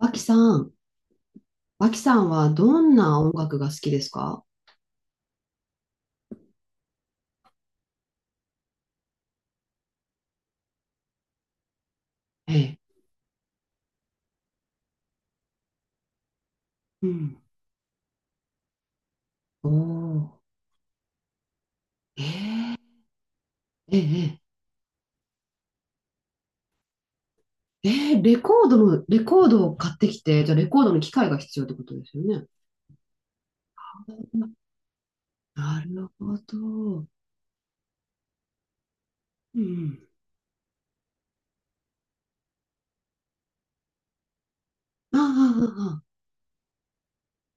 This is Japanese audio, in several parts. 脇さん、脇さんはどんな音楽が好きですか？ええ。うん。おー。ええ、ええ、ええ、レコードを買ってきて、じゃあレコードの機械が必要ってことですよね。なるほど。うん。ああ、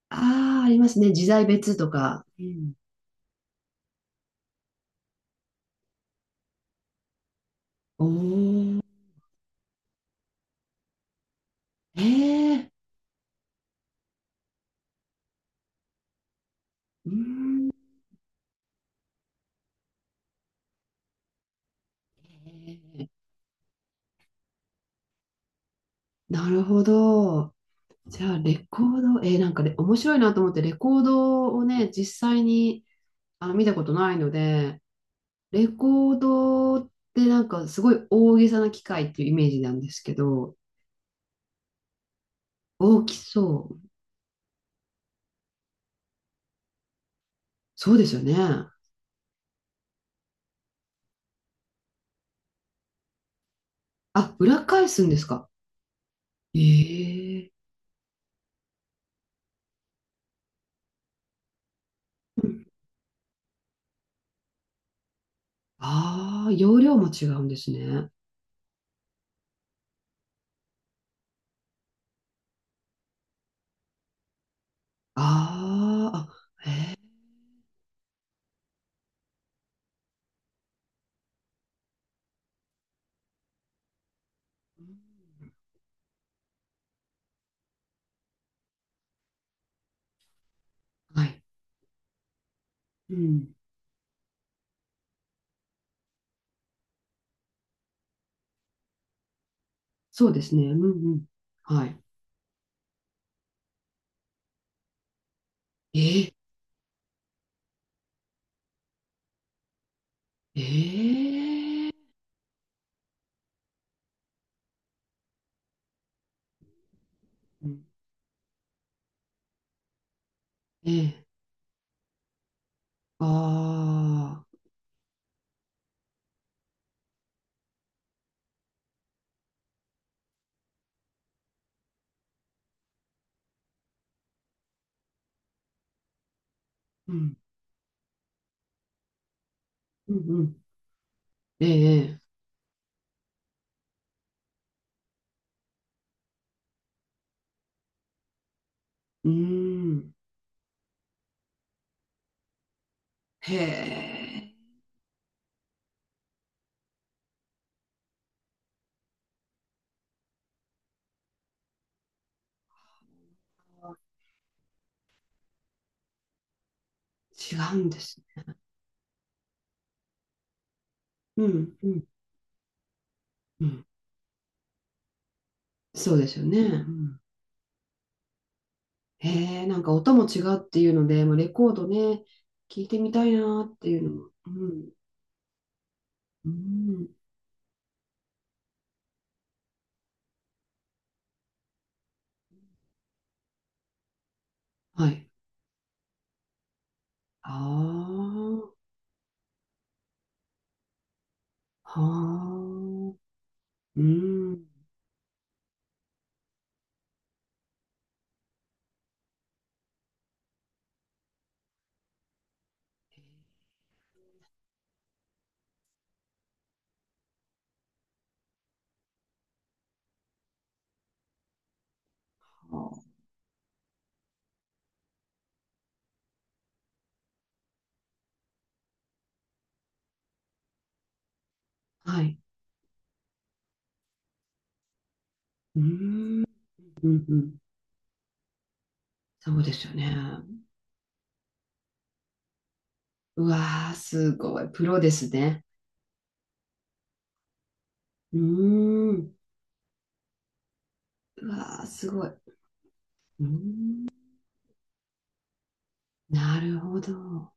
ああ、ああ、ありますね。時代別とか。うん。おお、ええ、うん。ええ、なるほど。じゃあ、レコード、なんかね、面白いなと思って、レコードをね、実際にあの、見たことないので、レコードってなんかすごい大げさな機械っていうイメージなんですけど、大きそう。そうですよね。あ、裏返すんですか？ええ、ああ、容量も違うんですね。あーあ、はい。うん。そうですね。うん、うん。はい。ええ、ええ、うん、ええ、ああ、うん、うん、うん。ええ、うーん。へえ。違うんですね。うん、うん、うん。そうですよね。うん、へえ、なんか音も違うっていうので、もうレコードね、聞いてみたいなっていうのも。うん、うん、はい。ああ、はあ、うん。はあ、はい。うん、うん、うん。そうですよね。うわー、すごい。プロですね。うーん。うわー、すごい。うーん、なるほど。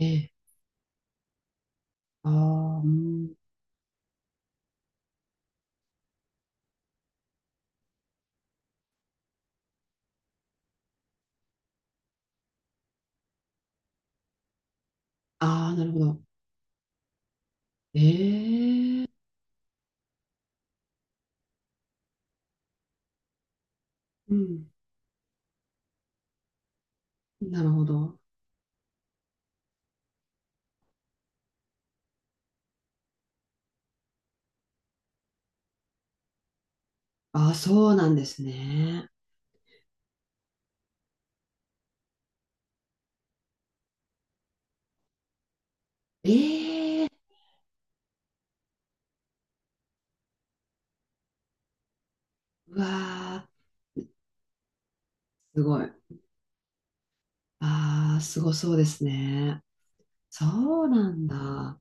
ええ、ああ、うん。ああ、なるほど。ええ、うん。なるほど。ああ、そうなんですね。ええ、うわあ、すごい。ああ、すごそうですね。そうなんだ。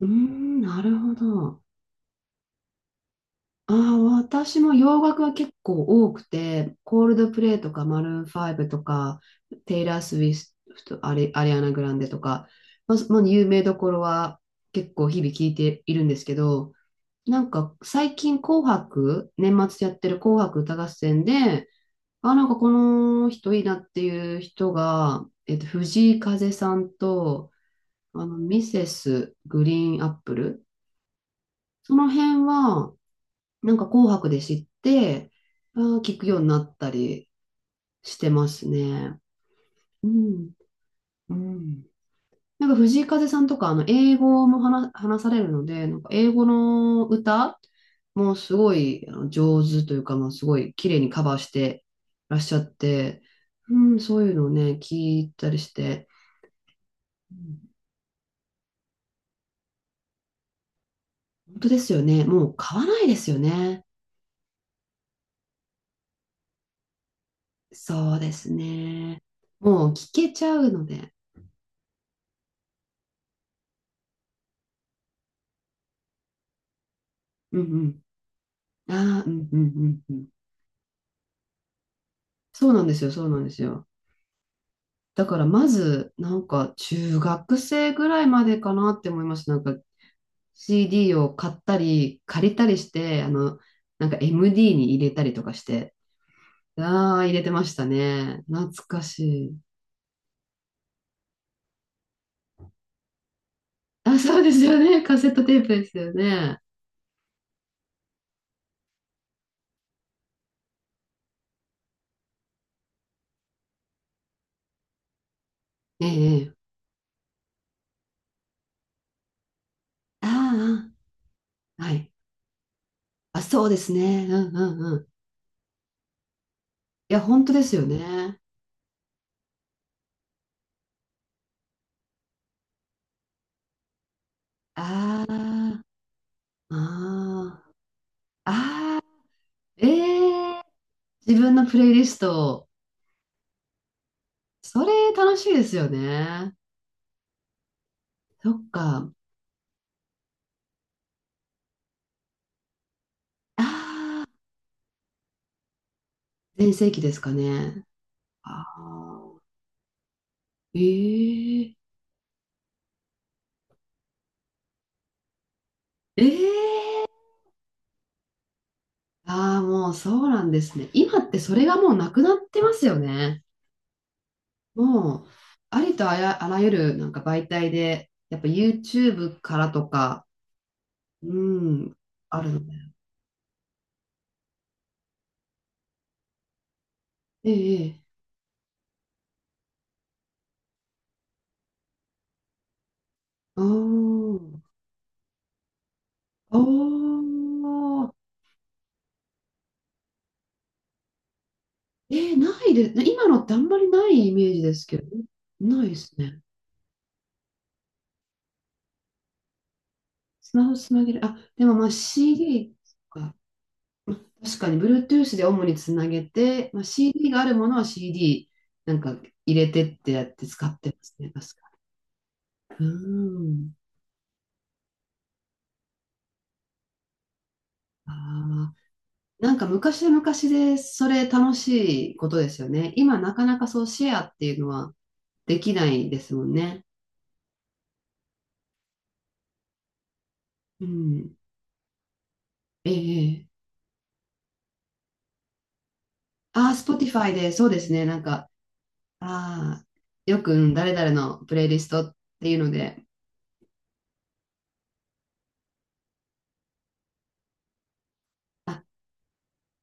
うーん、なるほど。ああ、私も洋楽は結構多くて、コールドプレイとか、マルーンファイブとか、テイラー・スウィフト、アリアナ・グランデとか、まあ有名どころは結構日々聞いているんですけど、なんか最近紅白、年末やってる紅白歌合戦で、あ、なんかこの人いいなっていう人が、えっと、藤井風さんと、あの、ミセスグリーンアップル。その辺は、なんか紅白で知って、あー、聞くようになったりしてますね。うん。うん。なんか藤井風さんとか、あの、英語も話されるので、なんか英語の歌もうすごいあの上手というか、まあ、すごい綺麗にカバーしてらっしゃって、うん、そういうのをね、聞いたりして、うん、本当ですよね。もう買わないですよね。そうですね。もう聞けちゃうので。うん、うん。ああ、うんうんうんうん。そうなんですよ、そうなんですよ。だからまず、なんか中学生ぐらいまでかなって思います。なんか CD を買ったり、借りたりして、あの、なんか MD に入れたりとかして、ああ、入れてましたね。懐かしい。あ、そうですよね。カセットテープですよね。ええ、ええ、ああ、はい。あ、そうですね。うんうんうん。いや、本当ですよね。ああ、ああ、ああ、ええ、自分のプレイリスト。それ楽しいですよね。そっか。ああ、全盛期ですかね。ああ、ええ、ええ、ああ、もうそうなんですね。今ってそれがもうなくなってますよね。もう、ありとあら、あらゆるなんか媒体で、やっぱ YouTube からとか、うん、あるので。ええ、ええ、あー、あー、ええ、ないで、今のってあんまりないイメージですけど、ないですね。スマホつなげる。あ、でもまあ CD か。確かに Bluetooth で主につなげて、まあ、CD があるものは CD なんか入れてってやって使ってますね、確かに。うん。ああ、なんか昔は昔でそれ楽しいことですよね。今なかなかそうシェアっていうのはできないですもんね。うん。ええ、ああ、Spotify でそうですね。なんか、ああ、よく、うん誰々のプレイリストっていうので、あ、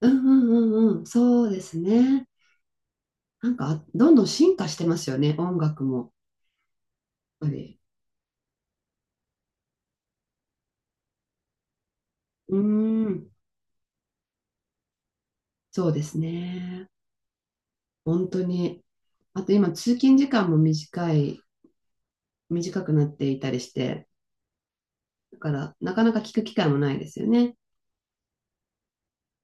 うんうんうんうん、そうですね。なんか、どんどん進化してますよね、音楽も。やっぱり。うーん、そうですね。本当に。あと今、通勤時間も短い、短くなっていたりして、だから、なかなか聞く機会もないですよね。